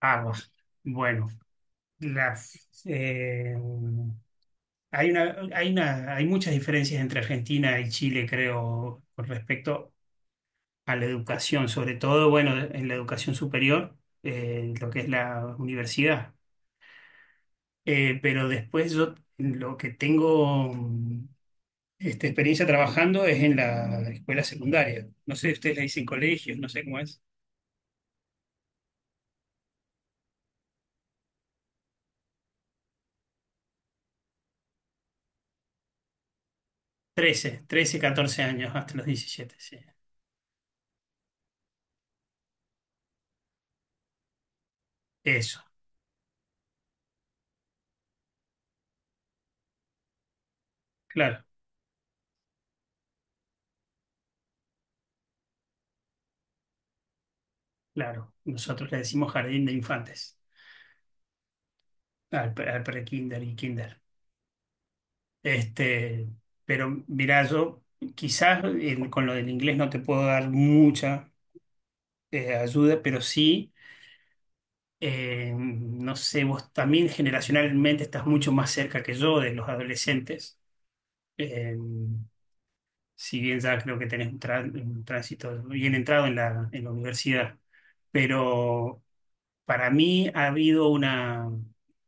Aguas. Bueno, la, eh, hay una, hay muchas diferencias entre Argentina y Chile, creo, con respecto a la educación, sobre todo, bueno, en la educación superior, en lo que es la universidad. Pero después yo lo que tengo experiencia trabajando es en la escuela secundaria. No sé, ustedes le dicen colegios, no sé cómo es. Trece, 14 años, hasta los diecisiete, sí. Eso, claro. Claro, nosotros le decimos jardín de infantes al, al pre-kinder y kinder. Este, pero mira, yo quizás con lo del inglés no te puedo dar mucha ayuda, pero sí, no sé, vos también generacionalmente estás mucho más cerca que yo de los adolescentes. Eh, si bien ya creo que tenés un, un tránsito bien entrado en la universidad, pero para mí ha habido una,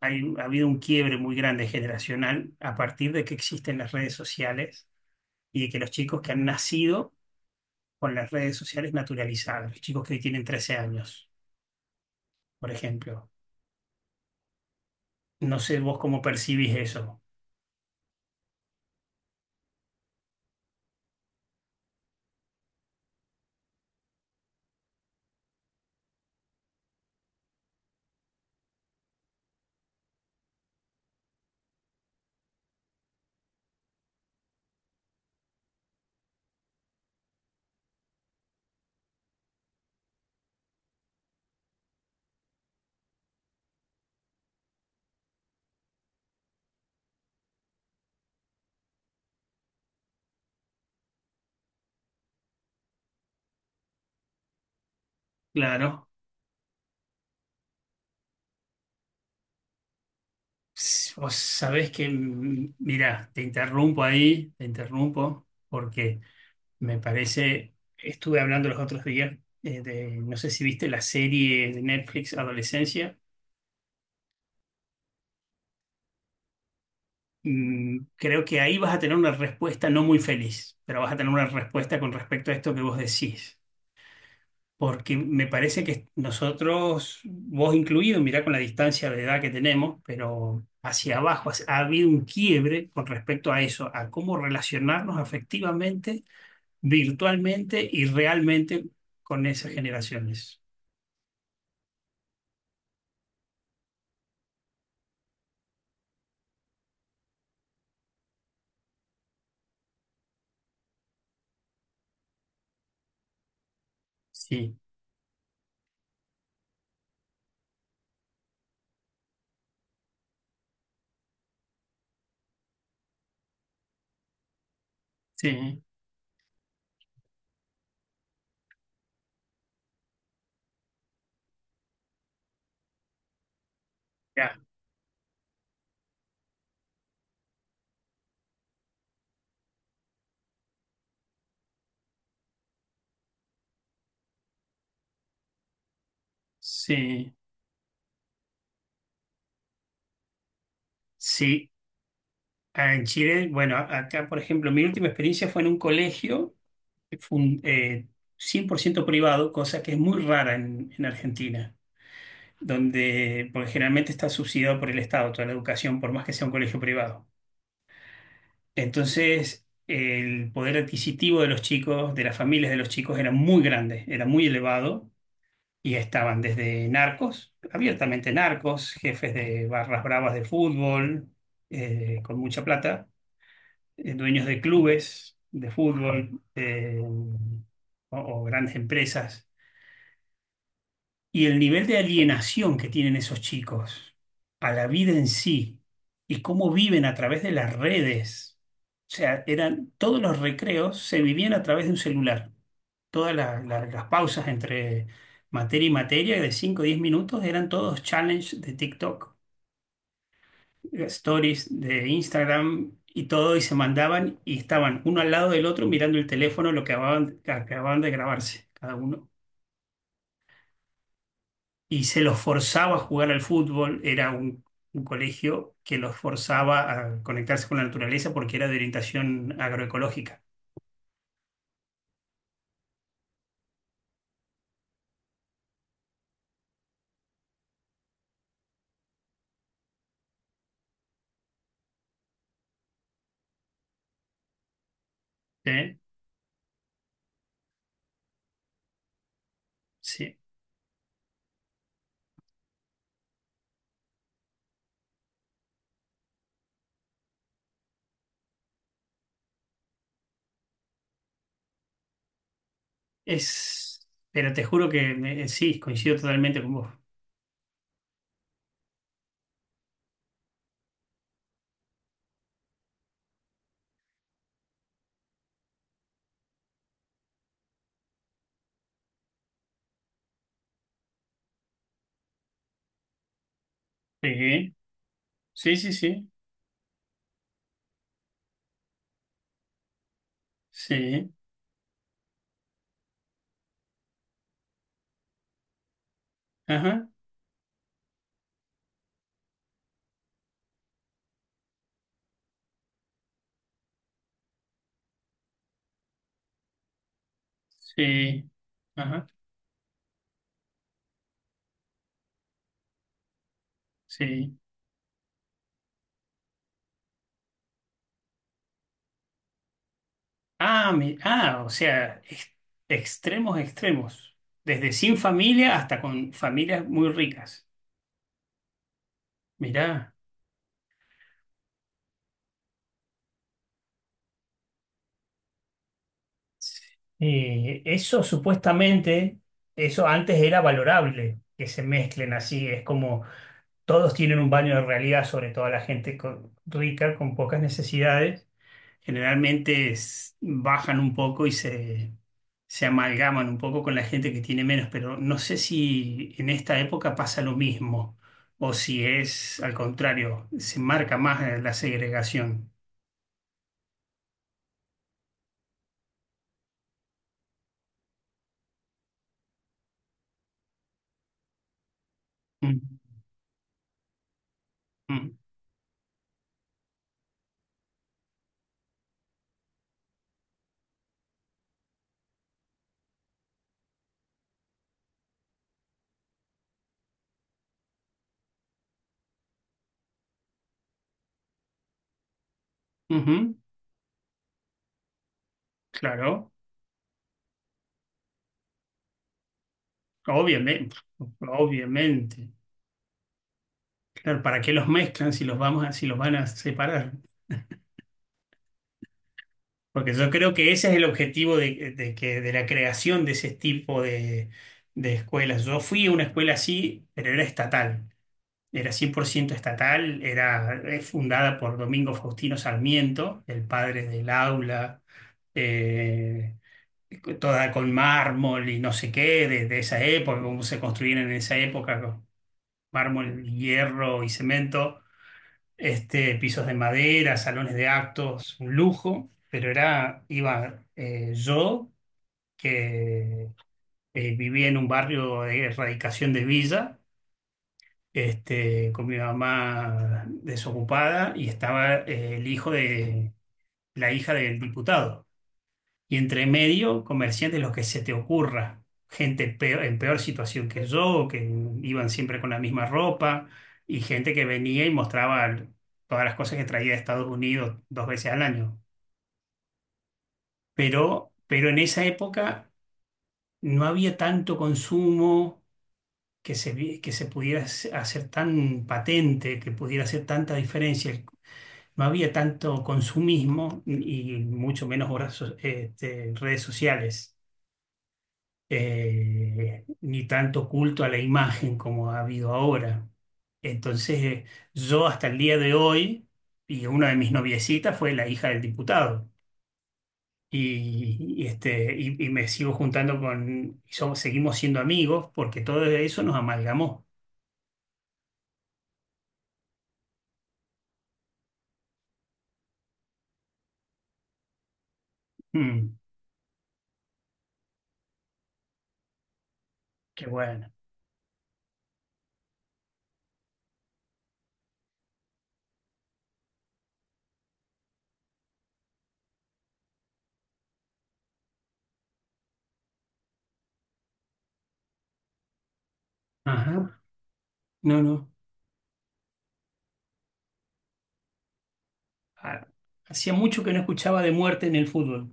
ha habido un quiebre muy grande generacional a partir de que existen las redes sociales y de que los chicos que han nacido con las redes sociales naturalizadas, los chicos que hoy tienen trece años, por ejemplo. No sé vos cómo percibís eso. Claro, vos sabés que, mira, te interrumpo ahí, te interrumpo, porque me parece, estuve hablando los otros días no sé si viste la serie de Netflix Adolescencia. Creo que ahí vas a tener una respuesta no muy feliz, pero vas a tener una respuesta con respecto a esto que vos decís. Porque me parece que nosotros, vos incluido, mirá con la distancia de edad que tenemos, pero hacia abajo ha habido un quiebre con respecto a eso, a cómo relacionarnos afectivamente, virtualmente y realmente con esas generaciones. Sí, sí, ya, sí, sí. Ah, en Chile, bueno, acá, por ejemplo, mi última experiencia fue en un colegio fun- eh, 100% privado, cosa que es muy rara en Argentina, donde, porque generalmente está subsidiado por el Estado, toda la educación, por más que sea un colegio privado. Entonces, el poder adquisitivo de los chicos, de las familias de los chicos, era muy grande, era muy elevado, y estaban desde narcos, abiertamente narcos, jefes de barras bravas de fútbol, con mucha plata, dueños de clubes de fútbol, o grandes empresas, y el nivel de alienación que tienen esos chicos a la vida en sí y cómo viven a través de las redes. O sea, eran, todos los recreos se vivían a través de un celular. Todas las pausas entre materia y materia de 5 o 10 minutos eran todos challenges de TikTok, stories de Instagram y todo, y se mandaban y estaban uno al lado del otro mirando el teléfono lo que acababan de grabarse, cada uno. Y se los forzaba a jugar al fútbol. Era un colegio que los forzaba a conectarse con la naturaleza porque era de orientación agroecológica. ¿Eh? Sí, pero te juro que sí, coincido totalmente con vos. Sí, sí, sí, sí, sí, ajá, sí, ajá, sí. Ah, o sea, extremos, extremos, desde sin familia hasta con familias muy ricas. Mirá. Eso supuestamente, eso antes era valorable, que se mezclen así, es como todos tienen un baño de realidad, sobre todo la gente rica, con pocas necesidades, generalmente bajan un poco y se amalgaman un poco con la gente que tiene menos, pero no sé si en esta época pasa lo mismo o si es al contrario, se marca más la segregación. Mm, mm, ujú, claro. Obviamente, obviamente. Claro, ¿para qué los mezclan si los vamos a, si los van a separar? Porque yo creo que ese es el objetivo de que, de la creación de ese tipo de escuelas. Yo fui a una escuela así, pero era estatal. Era 100% estatal, era es fundada por Domingo Faustino Sarmiento, el padre del aula, eh, toda con mármol y no sé qué, de esa época, cómo se construían en esa época, con mármol, hierro y cemento. Pisos de madera, salones de actos, un lujo, pero era, iba yo, que vivía en un barrio de erradicación de villa, con mi mamá desocupada, y estaba el hijo de la hija del diputado. Y entre medio, comerciantes, los que se te ocurra. Gente en peor situación que yo, que iban siempre con la misma ropa, y gente que venía y mostraba todas las cosas que traía de Estados Unidos dos veces al año. Pero en esa época no había tanto consumo que se, que se pudiera hacer tan patente, que pudiera hacer tanta diferencia. No había tanto consumismo y mucho menos horas redes sociales. Ni tanto culto a la imagen como ha habido ahora. Entonces, yo hasta el día de hoy, y una de mis noviecitas fue la hija del diputado, y me sigo juntando con, y somos, seguimos siendo amigos porque todo eso nos amalgamó. Mm, qué bueno. Ajá. No, no. Ah, hacía mucho que no escuchaba de muerte en el fútbol.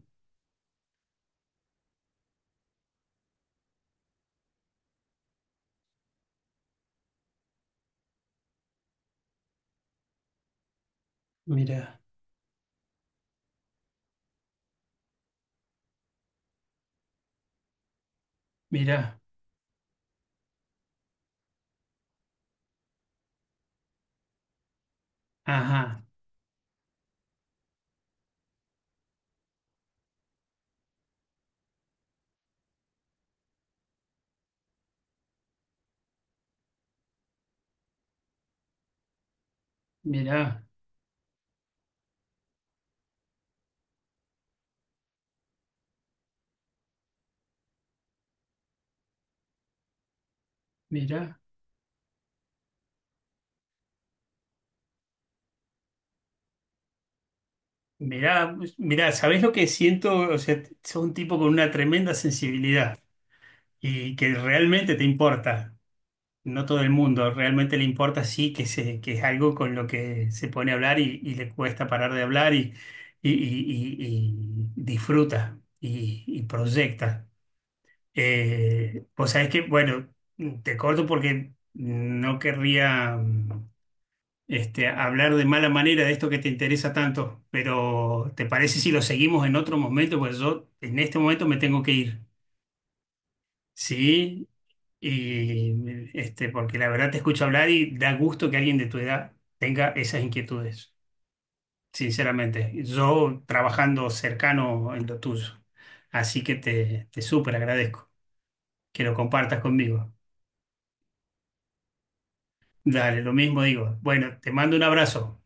Mirá, mirá. Ajá. Mirá, mirá. Mirá, mirá, ¿sabés lo que siento? O sea, sos un tipo con una tremenda sensibilidad y que realmente te importa. No todo el mundo realmente le importa, sí, que, se, que es algo con lo que se pone a hablar y le cuesta parar de hablar y, y disfruta y proyecta. Vos sabés que, bueno, te corto porque no querría. Hablar de mala manera de esto que te interesa tanto, pero ¿te parece si lo seguimos en otro momento? Pues yo en este momento me tengo que ir, ¿sí? Y, este, porque la verdad te escucho hablar y da gusto que alguien de tu edad tenga esas inquietudes, sinceramente. Yo trabajando cercano en lo tuyo, así que te súper agradezco que lo compartas conmigo. Dale, lo mismo digo. Bueno, te mando un abrazo.